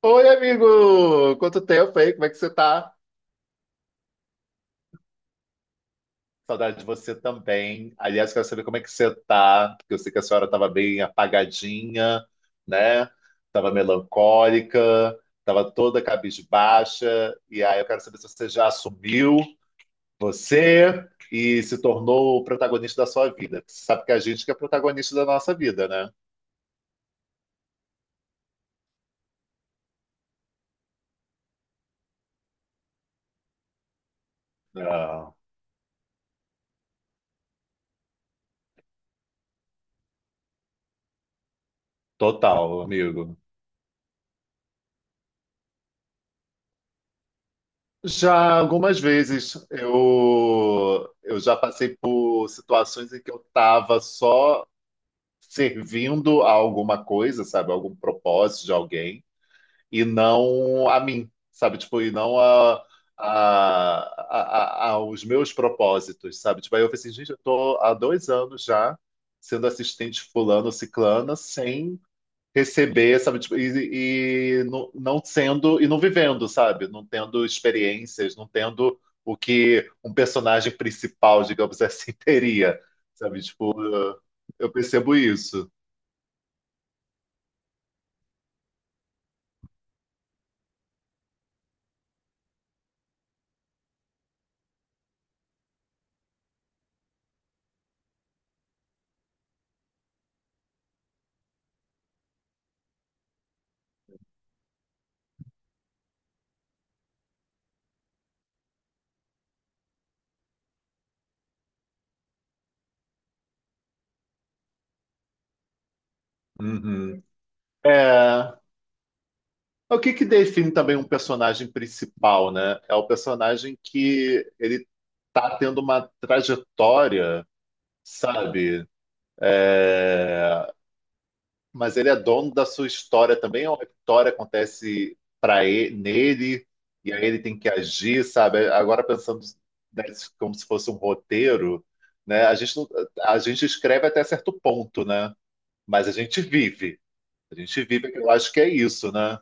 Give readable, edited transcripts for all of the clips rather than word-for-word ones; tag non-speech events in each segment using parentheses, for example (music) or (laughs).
Oi, amigo! Quanto tempo aí? Como é que você tá? Saudade de você também. Aliás, quero saber como é que você tá, porque eu sei que a senhora estava bem apagadinha, né? Tava melancólica, tava toda cabisbaixa. E aí eu quero saber se você já assumiu você e se tornou o protagonista da sua vida. Você sabe que é a gente que é protagonista da nossa vida, né? Ah, total, amigo. Já algumas vezes eu já passei por situações em que eu estava só servindo a alguma coisa, sabe? Algum propósito de alguém, e não a mim, sabe? Tipo, e não aos meus propósitos, sabe? Tipo, aí eu falei assim, gente, eu tô há 2 anos já sendo assistente fulano, ciclana, sem receber, sabe, tipo, e não, não sendo e não vivendo, sabe? Não tendo experiências, não tendo o que um personagem principal, digamos assim, (laughs) teria, sabe? Tipo, eu percebo isso. Uhum. É, o que que define também um personagem principal, né? É o personagem que ele tá tendo uma trajetória, sabe? É, mas ele é dono da sua história também, ou a história acontece para ele, nele, e aí ele tem que agir, sabe? Agora pensando né, como se fosse um roteiro, né? A gente, a gente escreve até certo ponto, né? Mas a gente vive. A gente vive, eu acho que é isso, né?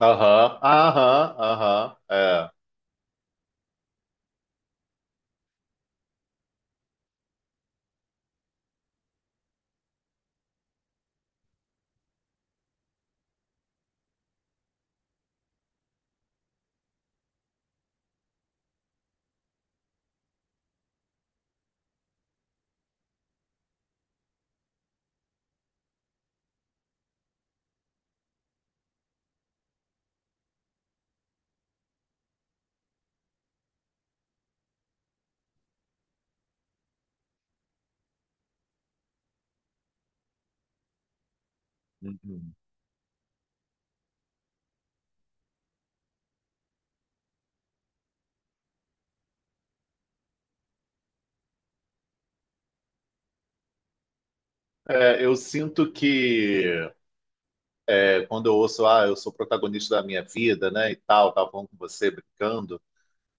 Aham, aham, aham, é. Uhum. É, eu sinto que é, quando eu ouço, ah, eu sou protagonista da minha vida, né, e tal, tava falando com você, brincando,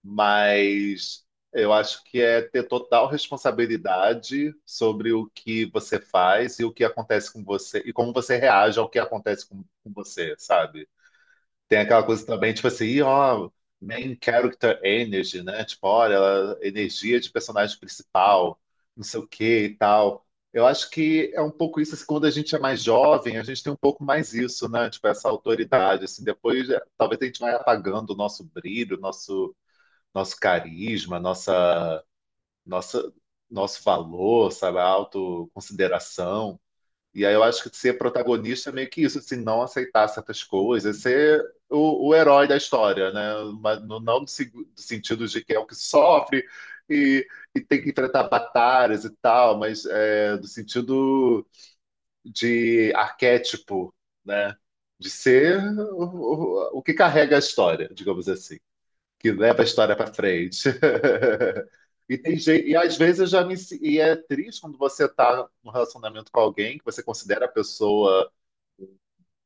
mas eu acho que é ter total responsabilidade sobre o que você faz e o que acontece com você e como você reage ao que acontece com você, sabe? Tem aquela coisa também, tipo assim, "Ih, ó, main character energy, né? Tipo, olha, energia de personagem principal, não sei o que e tal. Eu acho que é um pouco isso, assim, quando a gente é mais jovem, a gente tem um pouco mais isso, né? Tipo, essa autoridade, assim, depois talvez a gente vai apagando o nosso brilho, o nosso carisma, nossa, nossa, nosso valor, sabe, a autoconsideração. E aí eu acho que ser protagonista é meio que isso, assim, não aceitar certas coisas, ser o herói da história, né? Mas no sentido de que é o que sofre e, e tem que enfrentar batalhas e tal, mas é, no sentido de arquétipo, né? De ser o, o que carrega a história, digamos assim que leva a história para frente. (laughs) E tem gente, e às vezes eu já me se- e é triste quando você tá num relacionamento com alguém que você considera a pessoa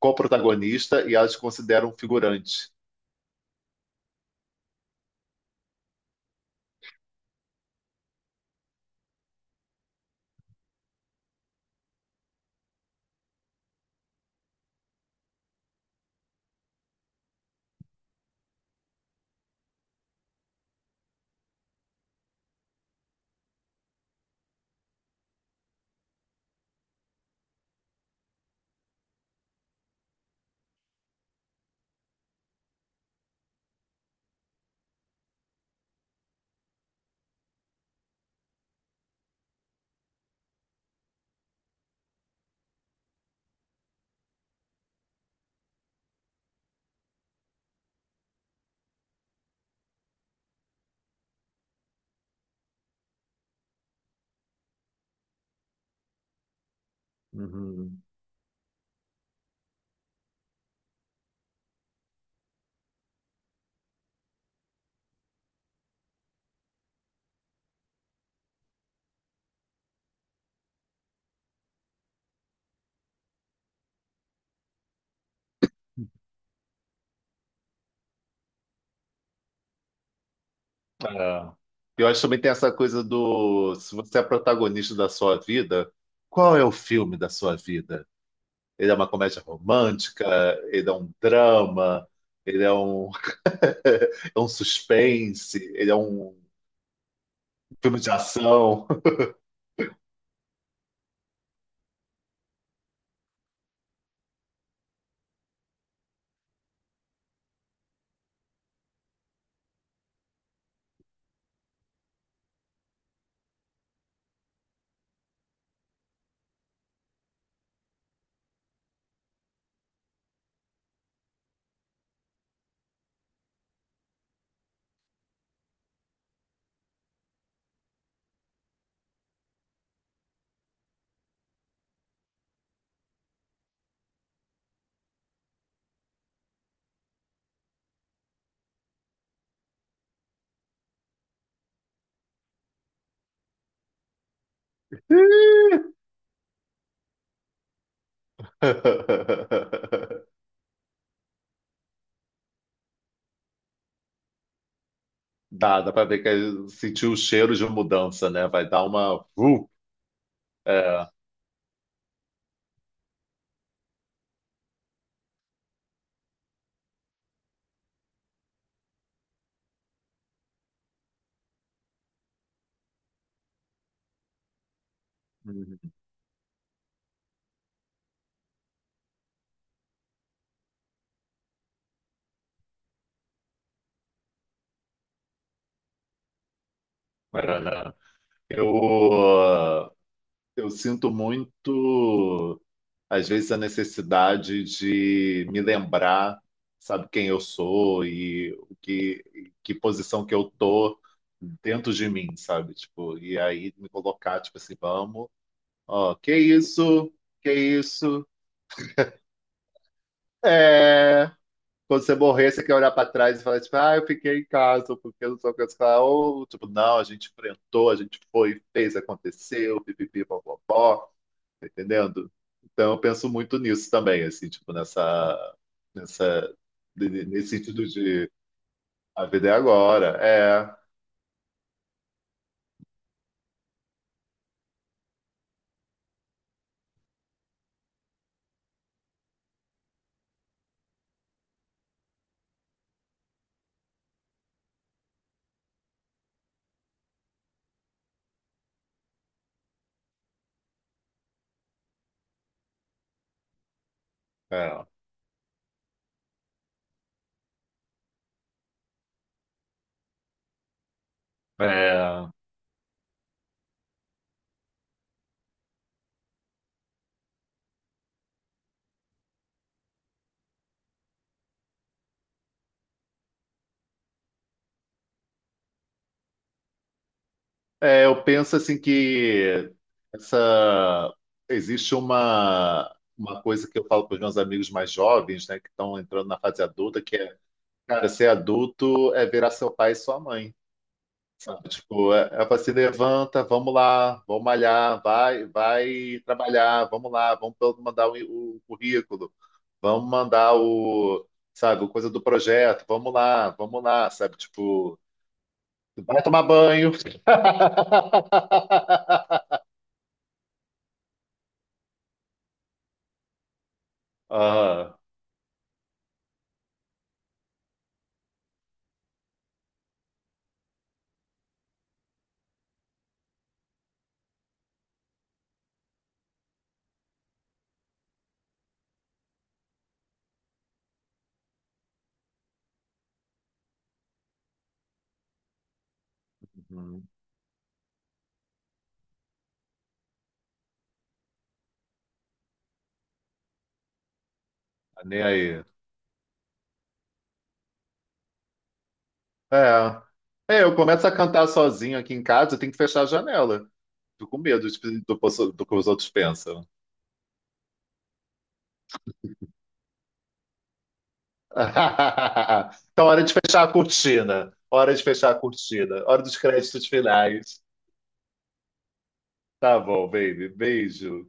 co-protagonista e elas te consideram um figurante. Uhum. É. Eu acho que também tem essa coisa do se você é protagonista da sua vida, qual é o filme da sua vida? Ele é uma comédia romântica, ele é um drama, ele é um, (laughs) é um suspense, ele é um filme de ação. (laughs) (laughs) Dá pra ver que ele sentiu o cheiro de mudança, né? Vai dar uma. É. Uhum. Maraná. Eu, uh, eu sinto muito, às vezes, a necessidade de me lembrar, sabe, quem eu sou e o que, que posição que eu tô dentro de mim, sabe? Tipo, e aí me colocar, tipo assim, vamos, ó, que isso, é. Quando você morrer, você quer olhar para trás e falar, tipo, ah, eu fiquei em casa, porque eu não sou coisa. Falar, ou, tipo, não, a gente enfrentou, a gente foi, fez, aconteceu, pipipi, popopó, tá entendendo? Então, eu penso muito nisso também, assim, tipo, nessa, nessa, nesse sentido de a vida é agora. É, é, é. É, eu penso, assim, que essa, existe uma coisa que eu falo para os meus amigos mais jovens, né, que estão entrando na fase adulta, que é cara, ser adulto é virar seu pai e sua mãe. Sabe? Tipo, é, é pra se levanta, vamos lá, vamos malhar, vai, vai trabalhar, vamos lá, vamos todo mandar o currículo, vamos mandar o, sabe, o coisa do projeto, vamos lá, sabe? Tipo, vai tomar banho. Ah, uhum, tá nem aí. É. É, eu começo a cantar sozinho aqui em casa, eu tenho que fechar a janela. Fico com medo do, do que os outros pensam. (laughs) Então, hora de fechar a cortina. Hora de fechar a cortina. Hora dos créditos finais. Tá bom, baby. Beijo.